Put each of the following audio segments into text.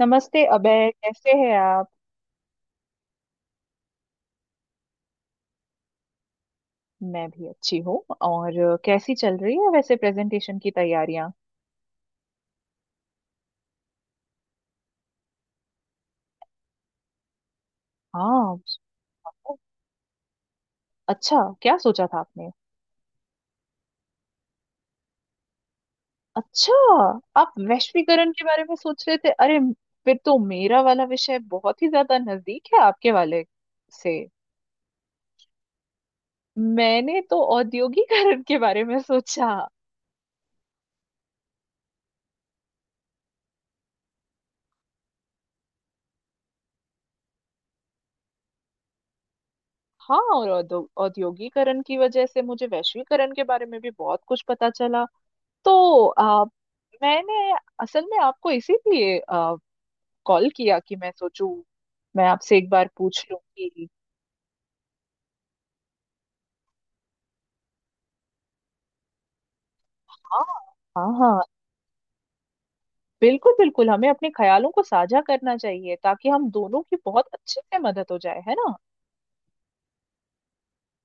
नमस्ते अबे, कैसे हैं आप। मैं भी अच्छी हूँ। और कैसी चल रही है वैसे प्रेजेंटेशन की तैयारियां। हाँ। ओ, अच्छा। क्या सोचा था आपने। अच्छा, आप वैश्वीकरण के बारे में सोच रहे थे। अरे, फिर तो मेरा वाला विषय बहुत ही ज्यादा नजदीक है आपके वाले से। मैंने तो औद्योगिकरण के बारे में सोचा। हाँ, और औद्योगिकरण की वजह से मुझे वैश्वीकरण के बारे में भी बहुत कुछ पता चला। तो मैंने असल में आपको इसीलिए कॉल किया कि मैं सोचूं, मैं आपसे एक बार पूछ लूं कि। हाँ हाँ हाँ, बिल्कुल बिल्कुल। हमें अपने ख्यालों को साझा करना चाहिए ताकि हम दोनों की बहुत अच्छे से मदद हो जाए, है ना।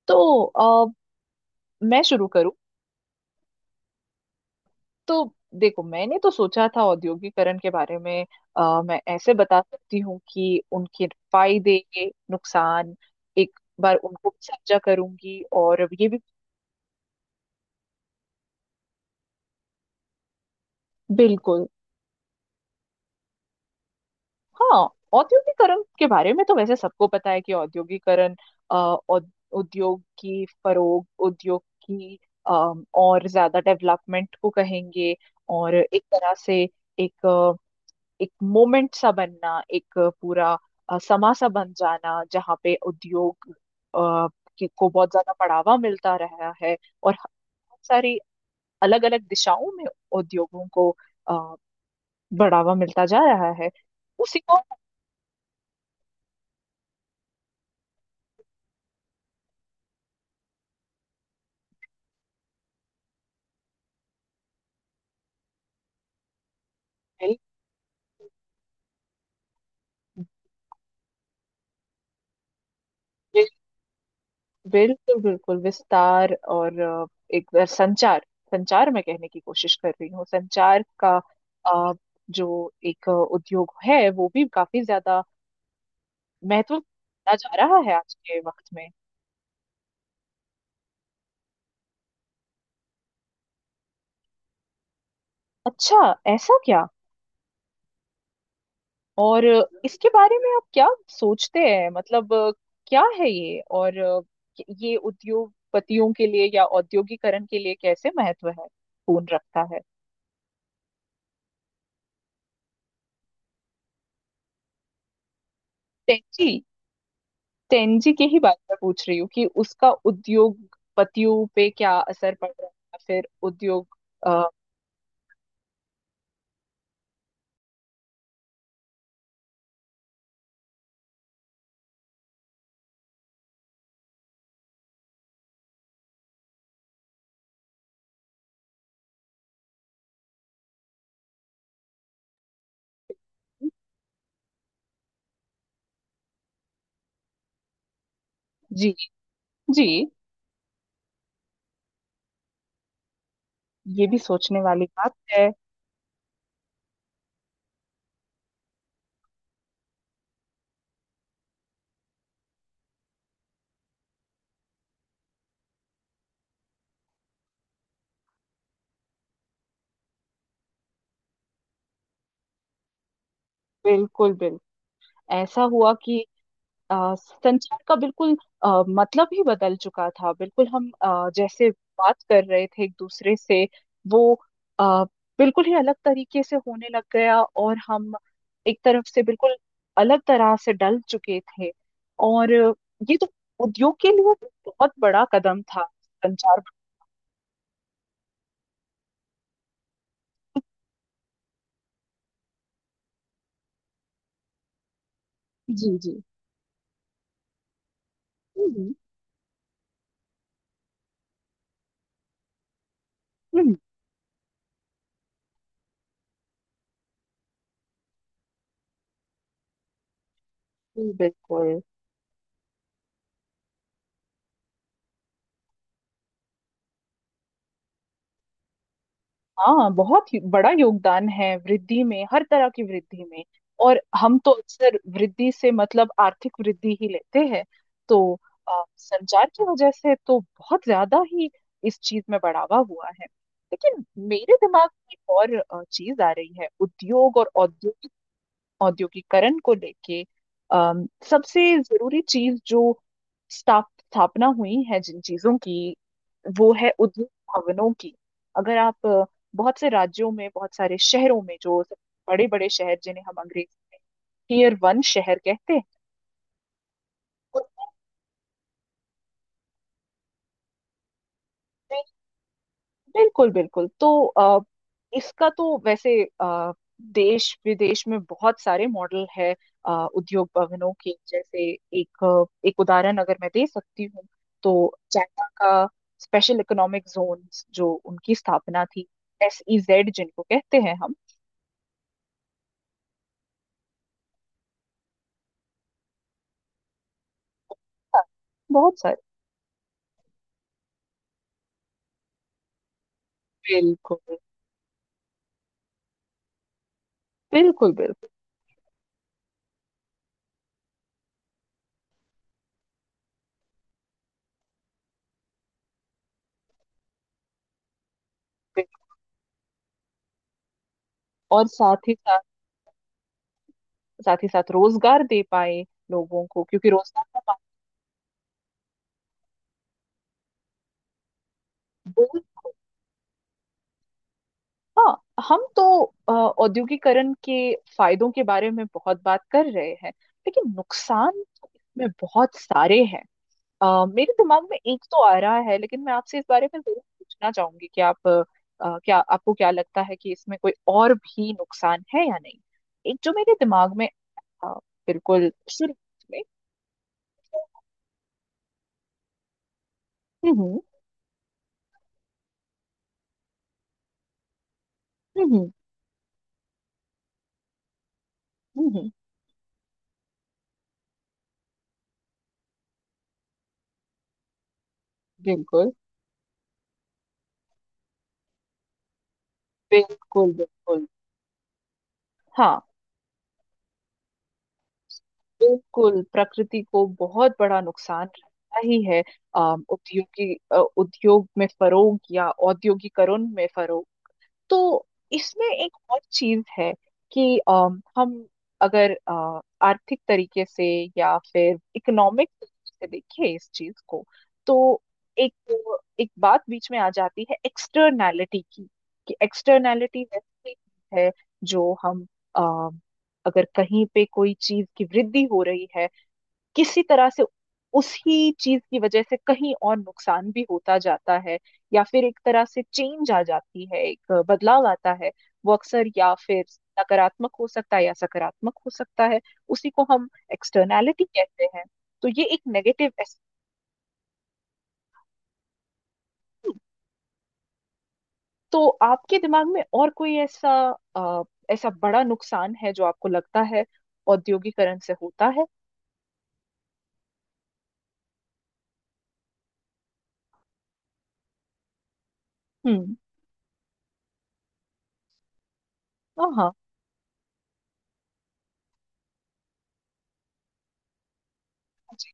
तो आ, मैं शुरू करूं। तो देखो, मैंने तो सोचा था औद्योगिकरण के बारे में। मैं ऐसे बता सकती हूँ कि उनके फायदे, नुकसान एक बार उनको भी साझा करूंगी, और ये भी। बिल्कुल। हाँ, औद्योगिकरण के बारे में तो वैसे सबको पता है कि औद्योगिकरण अ, औ- उद्योग की फरोग, उद्योग की और ज्यादा डेवलपमेंट को कहेंगे। और एक तरह से एक एक मोमेंट सा बनना, एक पूरा समा सा बन जाना जहाँ पे उद्योग अ, की को बहुत ज्यादा बढ़ावा मिलता रहा है। और बहुत सारी अलग अलग दिशाओं में उद्योगों को अ, बढ़ावा मिलता जा रहा है उसी को। बिल्कुल बिल्कुल, विस्तार और एक बार संचार, संचार मैं कहने की कोशिश कर रही हूँ, संचार का अ, जो एक उद्योग है वो भी काफी ज्यादा महत्व दिया जा रहा है आज के वक्त में। अच्छा, ऐसा क्या। और इसके बारे में आप क्या सोचते हैं, मतलब क्या है ये, और ये उद्योगपतियों के लिए या औद्योगिकरण के लिए कैसे महत्व है पूर्ण रखता है। टेक तेनजी के ही बारे में पूछ रही हूँ कि उसका उद्योगपतियों पे क्या असर पड़ रहा है, फिर उद्योग। अ, जी जी, ये भी सोचने वाली बात है। बिल्कुल बिल्कुल। ऐसा हुआ कि संचार का बिल्कुल मतलब ही बदल चुका था। बिल्कुल हम जैसे बात कर रहे थे एक दूसरे से, वो आ, बिल्कुल ही अलग तरीके से होने लग गया। और हम एक तरफ से बिल्कुल अलग तरह से डल चुके थे। और ये तो उद्योग के लिए भी बहुत बड़ा कदम था, संचार। जी जी। हम्म हम्म, जी, बिल्कुल। हाँ, बहुत ही बड़ा योगदान है वृद्धि में, हर तरह की वृद्धि में। और हम तो अक्सर वृद्धि से मतलब आर्थिक वृद्धि ही लेते हैं। तो संचार की वजह से तो बहुत ज्यादा ही इस चीज में बढ़ावा हुआ है। लेकिन मेरे दिमाग में एक और चीज आ रही है, उद्योग और औद्योगिकरण को लेके। सबसे जरूरी चीज जो स्थापना हुई है जिन चीजों की वो है उद्योग भवनों की। अगर आप बहुत से राज्यों में, बहुत सारे शहरों में जो बड़े बड़े शहर जिन्हें हम अंग्रेजी में टीयर वन शहर कहते हैं, तो बिल्कुल बिल्कुल। तो इसका तो वैसे देश विदेश में बहुत सारे मॉडल है उद्योग भवनों के। जैसे एक एक उदाहरण अगर मैं दे सकती हूँ तो चाइना का स्पेशल इकोनॉमिक जोन, जो उनकी स्थापना थी, एसईजेड जिनको कहते हैं हम। बहुत सारे। बिल्कुल बिल्कुल। बिल्कुल बिल्कुल। और साथ ही साथ, साथ ही साथ रोजगार दे पाए लोगों को, क्योंकि रोजगार का। हाँ, हम तो औद्योगिकरण के फायदों के बारे में बहुत बात कर रहे हैं, लेकिन नुकसान में बहुत सारे हैं। मेरे दिमाग में एक तो आ रहा है, लेकिन मैं आपसे इस बारे में जरूर पूछना चाहूंगी कि आप क्या, आपको क्या लगता है कि इसमें कोई और भी नुकसान है या नहीं। एक जो मेरे दिमाग में अ, बिल्कुल शुरू में। हम्म हम्म हम्म हम्म, बिल्कुल बिल्कुल बिल्कुल। हाँ, बिल्कुल प्रकृति को बहुत बड़ा नुकसान रहता ही है। उद्योग की उद्योग में फरोग या औद्योगिकरण में फरोग। तो इसमें एक और चीज है कि हम अगर आर्थिक तरीके से या फिर इकोनॉमिक तरीके से देखें इस चीज को, तो एक एक बात बीच में आ जाती है, एक्सटर्नैलिटी की। कि एक्सटर्नैलिटी वैसी एक चीज है जो हम अ, अगर कहीं पे कोई चीज की वृद्धि हो रही है किसी तरह से, उसी चीज की वजह से कहीं और नुकसान भी होता जाता है, या फिर एक तरह से चेंज आ जाती है, एक बदलाव आता है। वो अक्सर या फिर नकारात्मक हो सकता है या सकारात्मक हो सकता है। उसी को हम एक्सटर्नैलिटी कहते हैं। तो ये एक नेगेटिव एस्पेक्ट। तो आपके दिमाग में और कोई ऐसा अ, ऐसा बड़ा नुकसान है जो आपको लगता है औद्योगिकरण से होता है। हम्म। हाँ हाँ, जी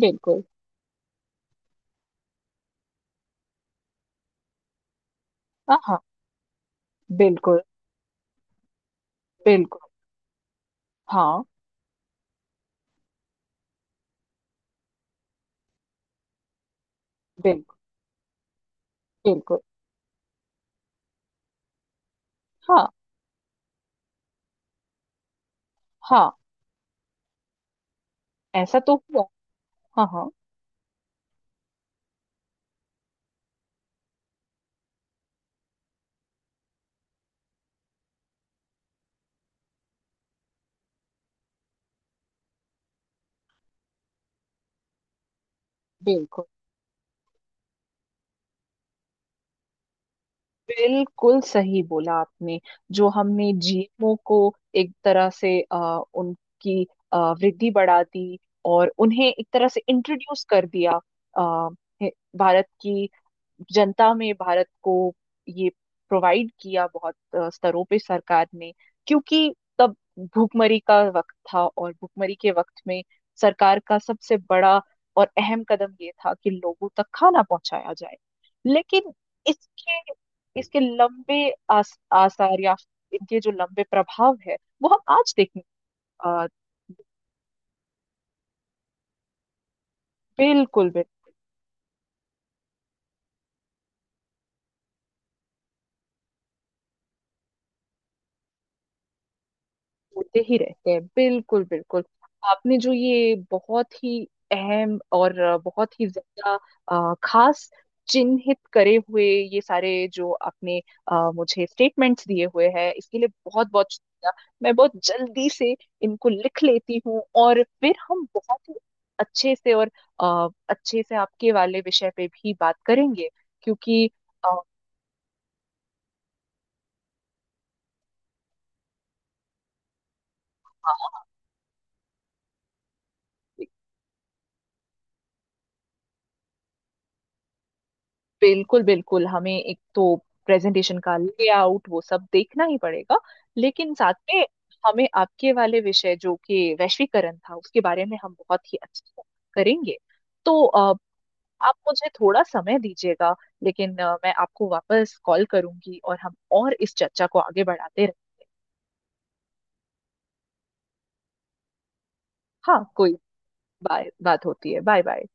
बिल्कुल। हाँ हाँ, बिल्कुल बिल्कुल। हाँ, बिल्कुल बिल्कुल। हाँ हाँ, ऐसा तो हुआ। हाँ हाँ। बिल्कुल, बिल्कुल सही बोला आपने। जो हमने जीएमओ को एक तरह से उनकी वृद्धि बढ़ा दी और उन्हें एक तरह से इंट्रोड्यूस कर दिया आ, भारत की जनता में, भारत को ये प्रोवाइड किया बहुत स्तरों पे सरकार ने, क्योंकि तब भुखमरी का वक्त था, और भुखमरी के वक्त में सरकार का सबसे बड़ा और अहम कदम ये था कि लोगों तक खाना पहुंचाया जाए। लेकिन इसके, इसके लंबे आसार या इनके जो लंबे प्रभाव है, वो हम आज देखने अ, बिल्कुल। मुझे ही रहते हैं, बिल्कुल बिल्कुल। आपने जो ये बहुत ही अहम और बहुत ही ज्यादा खास चिन्हित करे हुए ये सारे जो आपने मुझे स्टेटमेंट्स दिए हुए हैं, इसके लिए बहुत बहुत शुक्रिया। मैं बहुत जल्दी से इनको लिख लेती हूँ और फिर हम बहुत ही अच्छे से और अच्छे से आपके वाले विषय पे भी बात करेंगे, क्योंकि अ, हाँ, बिल्कुल बिल्कुल। हमें एक तो प्रेजेंटेशन का लेआउट वो सब देखना ही पड़ेगा, लेकिन साथ में हमें आपके वाले विषय जो कि वैश्वीकरण था, उसके बारे में हम बहुत ही अच्छे से करेंगे। तो आप मुझे थोड़ा समय दीजिएगा, लेकिन मैं आपको वापस कॉल करूंगी और हम और इस चर्चा को आगे बढ़ाते रहें। हाँ, कोई, बाय, बात होती है। Bye bye.